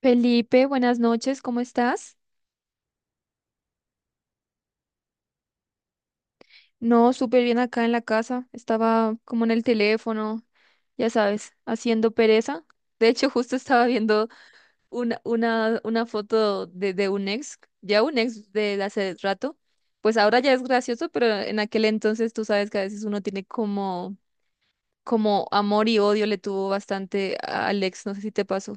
Felipe, buenas noches, ¿cómo estás? No, súper bien acá en la casa. Estaba como en el teléfono, ya sabes, haciendo pereza. De hecho, justo estaba viendo una foto de un ex, ya un ex de hace rato. Pues ahora ya es gracioso, pero en aquel entonces tú sabes que a veces uno tiene como, como amor y odio le tuvo bastante al ex, no sé si te pasó.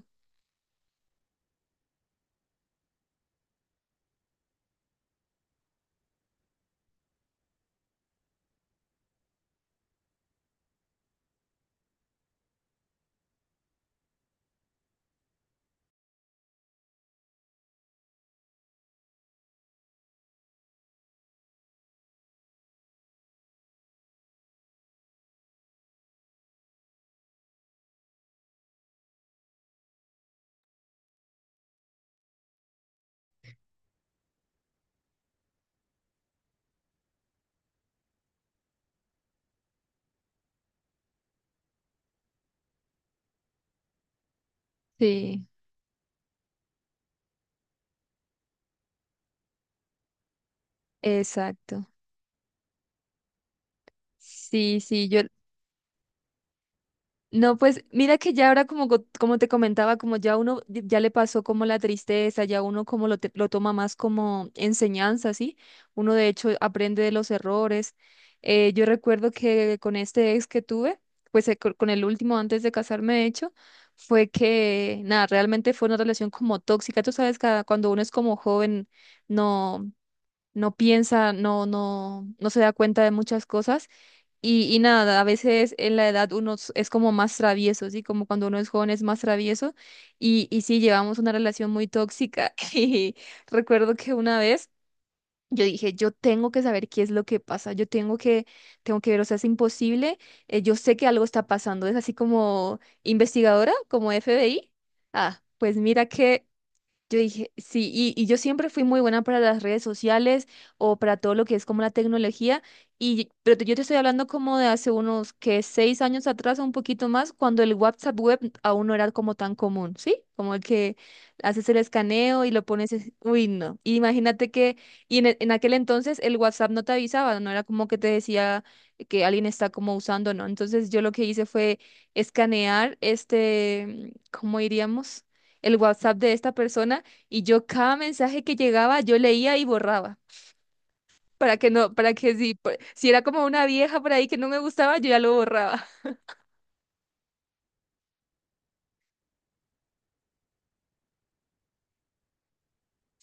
Sí, exacto. Sí, sí, yo. No, pues mira que ya ahora como, como te comentaba, como ya uno ya le pasó como la tristeza, ya uno como lo, lo toma más como enseñanza, ¿sí? Uno de hecho aprende de los errores. Yo recuerdo que con este ex que tuve, pues con el último antes de casarme, de hecho, fue que, nada, realmente fue una relación como tóxica. Tú sabes, cada, cuando uno es como joven, no, no piensa, no, no, no se da cuenta de muchas cosas. Y nada, a veces en la edad uno es como más travieso, ¿sí? Como cuando uno es joven es más travieso. Y sí, llevamos una relación muy tóxica. Y recuerdo que una vez yo dije, yo tengo que saber qué es lo que pasa, yo tengo que ver, o sea, es imposible. Yo sé que algo está pasando, es así como investigadora, como FBI. Ah, pues mira que yo dije, sí, y yo siempre fui muy buena para las redes sociales o para todo lo que es como la tecnología, y, pero yo te estoy hablando como de hace unos que 6 años atrás o un poquito más, cuando el WhatsApp web aún no era como tan común, ¿sí? Como el que haces el escaneo y lo pones, uy, no. Y imagínate que, y en, en aquel entonces el WhatsApp no te avisaba, no era como que te decía que alguien está como usando, ¿no? Entonces yo lo que hice fue escanear este, ¿cómo diríamos? El WhatsApp de esta persona y yo cada mensaje que llegaba yo leía y borraba para que no, para que si, si era como una vieja por ahí que no me gustaba, yo ya lo borraba.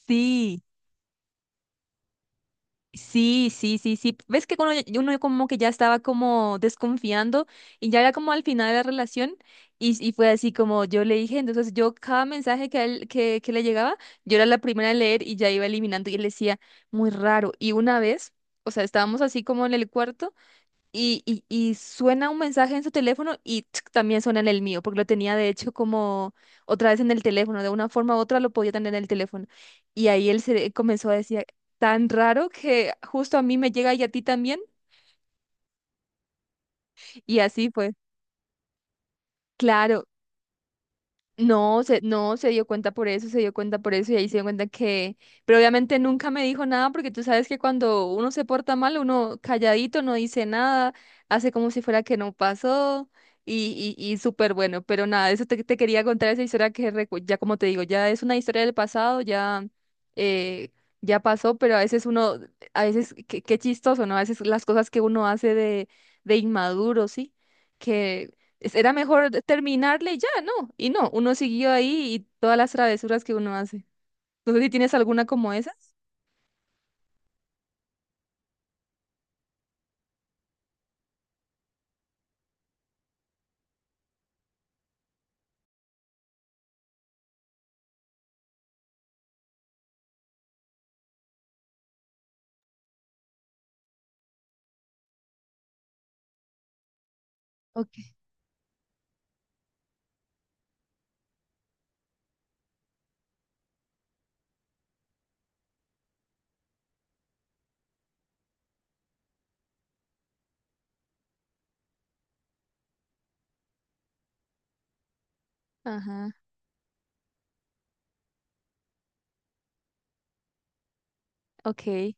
Sí, sí, sí, sí, sí. Ves que uno, uno como que ya estaba como desconfiando y ya era como al final de la relación y fue así como yo le dije, entonces yo cada mensaje que, a él, que le llegaba, yo era la primera en leer y ya iba eliminando y él decía, muy raro. Y una vez, o sea, estábamos así como en el cuarto. Y suena un mensaje en su teléfono y tsk, también suena en el mío, porque lo tenía de hecho como otra vez en el teléfono, de una forma u otra lo podía tener en el teléfono. Y ahí él se comenzó a decir, tan raro que justo a mí me llega y a ti también. Y así fue. Claro, no, se, no, se dio cuenta por eso, se dio cuenta por eso y ahí se dio cuenta que, pero obviamente nunca me dijo nada porque tú sabes que cuando uno se porta mal, uno calladito, no dice nada, hace como si fuera que no pasó y súper bueno, pero nada, eso te, te quería contar esa historia que ya como te digo, ya es una historia del pasado, ya, eh, ya pasó, pero a veces uno, a veces, qué, qué chistoso, ¿no? A veces las cosas que uno hace de inmaduro, ¿sí? que era mejor terminarle y ya, ¿no? Y no, uno siguió ahí y todas las travesuras que uno hace. No sé si tienes alguna como esas. Ok. Ajá, ok.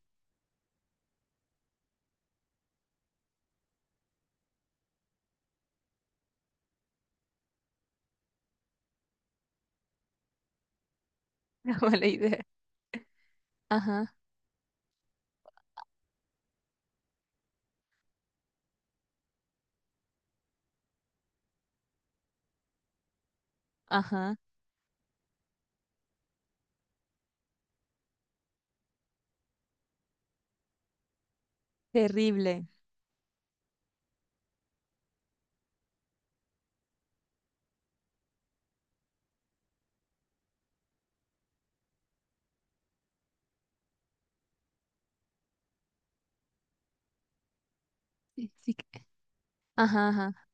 Mala idea. Ajá, ajá. Terrible. Sí, sí. Ajá, ajá.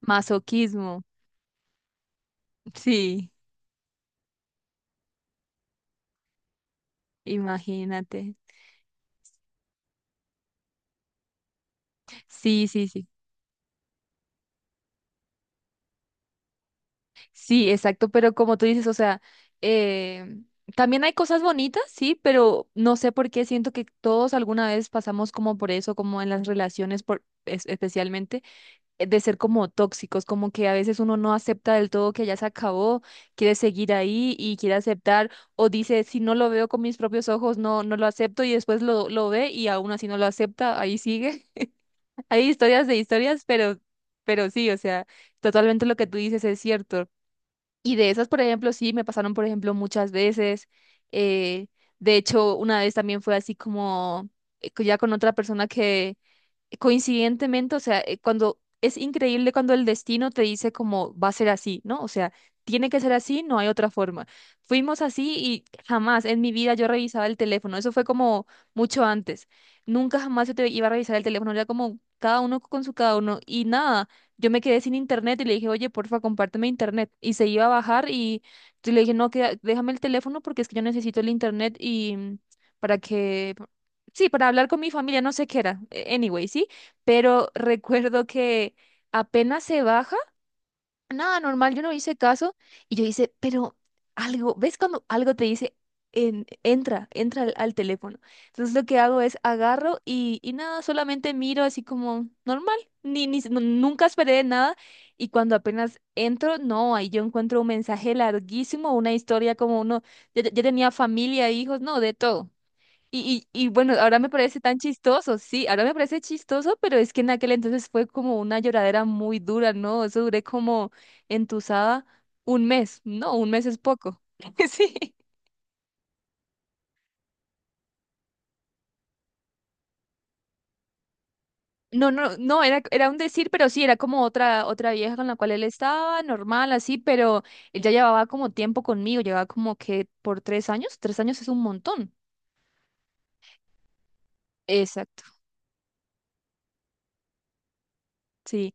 Masoquismo. Sí, imagínate. Sí, sí, sí. Sí, exacto, pero como tú dices, o sea, eh, también hay cosas bonitas, sí, pero no sé por qué siento que todos alguna vez pasamos como por eso, como en las relaciones, por, especialmente de ser como tóxicos, como que a veces uno no acepta del todo que ya se acabó, quiere seguir ahí y quiere aceptar, o dice, si no lo veo con mis propios ojos, no, no lo acepto y después lo ve y aún así no lo acepta, ahí sigue. Hay historias de historias, pero sí, o sea, totalmente lo que tú dices es cierto. Y de esas, por ejemplo, sí, me pasaron, por ejemplo, muchas veces. Eh, de hecho, una vez también fue así como ya con otra persona que coincidentemente, o sea, cuando es increíble cuando el destino te dice como va a ser así, ¿no? O sea, tiene que ser así, no hay otra forma. Fuimos así y jamás en mi vida yo revisaba el teléfono, eso fue como mucho antes. Nunca jamás yo te iba a revisar el teléfono, era como cada uno con su cada uno y nada. Yo me quedé sin internet y le dije, oye, porfa, compárteme internet. Y se iba a bajar y yo le dije, no, déjame el teléfono porque es que yo necesito el internet para que sí, para hablar con mi familia, no sé qué era, anyway, sí, pero recuerdo que apenas se baja, nada normal, yo no hice caso y yo hice, pero algo, ¿ves cuando algo te dice, entra, entra al, al teléfono? Entonces lo que hago es agarro y nada, solamente miro así como normal, ni, ni, nu- nunca esperé nada y cuando apenas entro, no, ahí yo encuentro un mensaje larguísimo, una historia como uno, ya tenía familia, hijos, no, de todo. Y bueno, ahora me parece tan chistoso, sí, ahora me parece chistoso, pero es que en aquel entonces fue como una lloradera muy dura, ¿no? Eso duré como entusada un mes, no, un mes es poco. Sí. No, no, no, era, era un decir, pero sí, era como otra, otra vieja con la cual él estaba, normal, así, pero ella llevaba como tiempo conmigo, llevaba como que por 3 años, 3 años es un montón. Exacto, sí.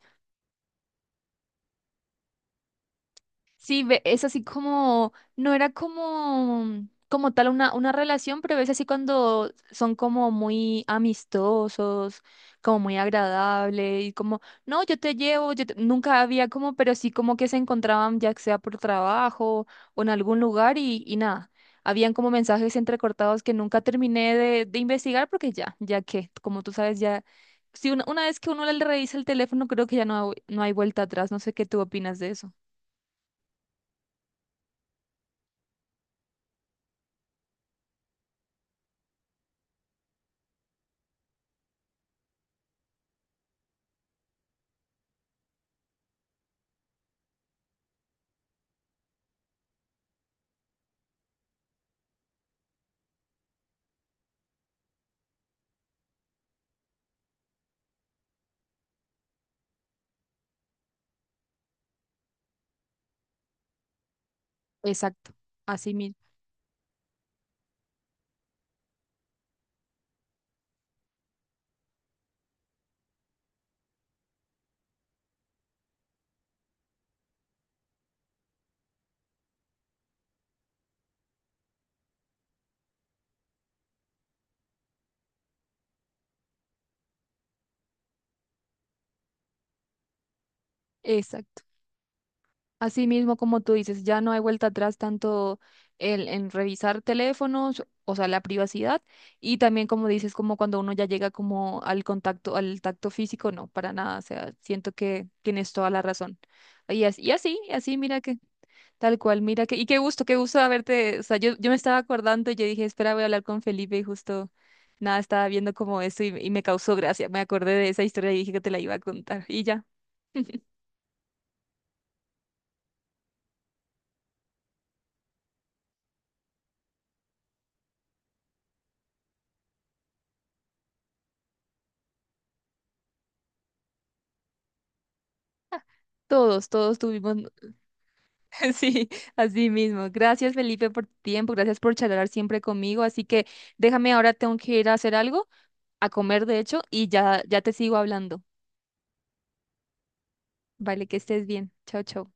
Sí, es así como, no era como, como tal una relación, pero ves así cuando son como muy amistosos, como muy agradable y como, no, yo te llevo, yo te". Nunca había como, pero sí como que se encontraban ya sea por trabajo o en algún lugar y nada, habían como mensajes entrecortados que nunca terminé de investigar porque ya, ya que, como tú sabes, ya, si una, una vez que uno le revisa el teléfono, creo que ya no, no hay vuelta atrás, no sé qué tú opinas de eso. Exacto, así mismo, exacto. Así mismo como tú dices, ya no hay vuelta atrás tanto el, en revisar teléfonos, o sea, la privacidad, y también como dices, como cuando uno ya llega como al contacto, al tacto físico, no, para nada, o sea, siento que tienes toda la razón. Y así, y así, y así, mira que, tal cual, mira que, y qué gusto haberte, o sea, yo me estaba acordando y yo dije, espera, voy a hablar con Felipe y justo, nada, estaba viendo como eso y me causó gracia, me acordé de esa historia y dije que te la iba a contar, y ya. Todos, todos tuvimos, sí, así mismo. Gracias, Felipe, por tu tiempo, gracias por charlar siempre conmigo. Así que déjame ahora, tengo que ir a hacer algo, a comer, de hecho, y ya, ya te sigo hablando. Vale, que estés bien. Chao, chao.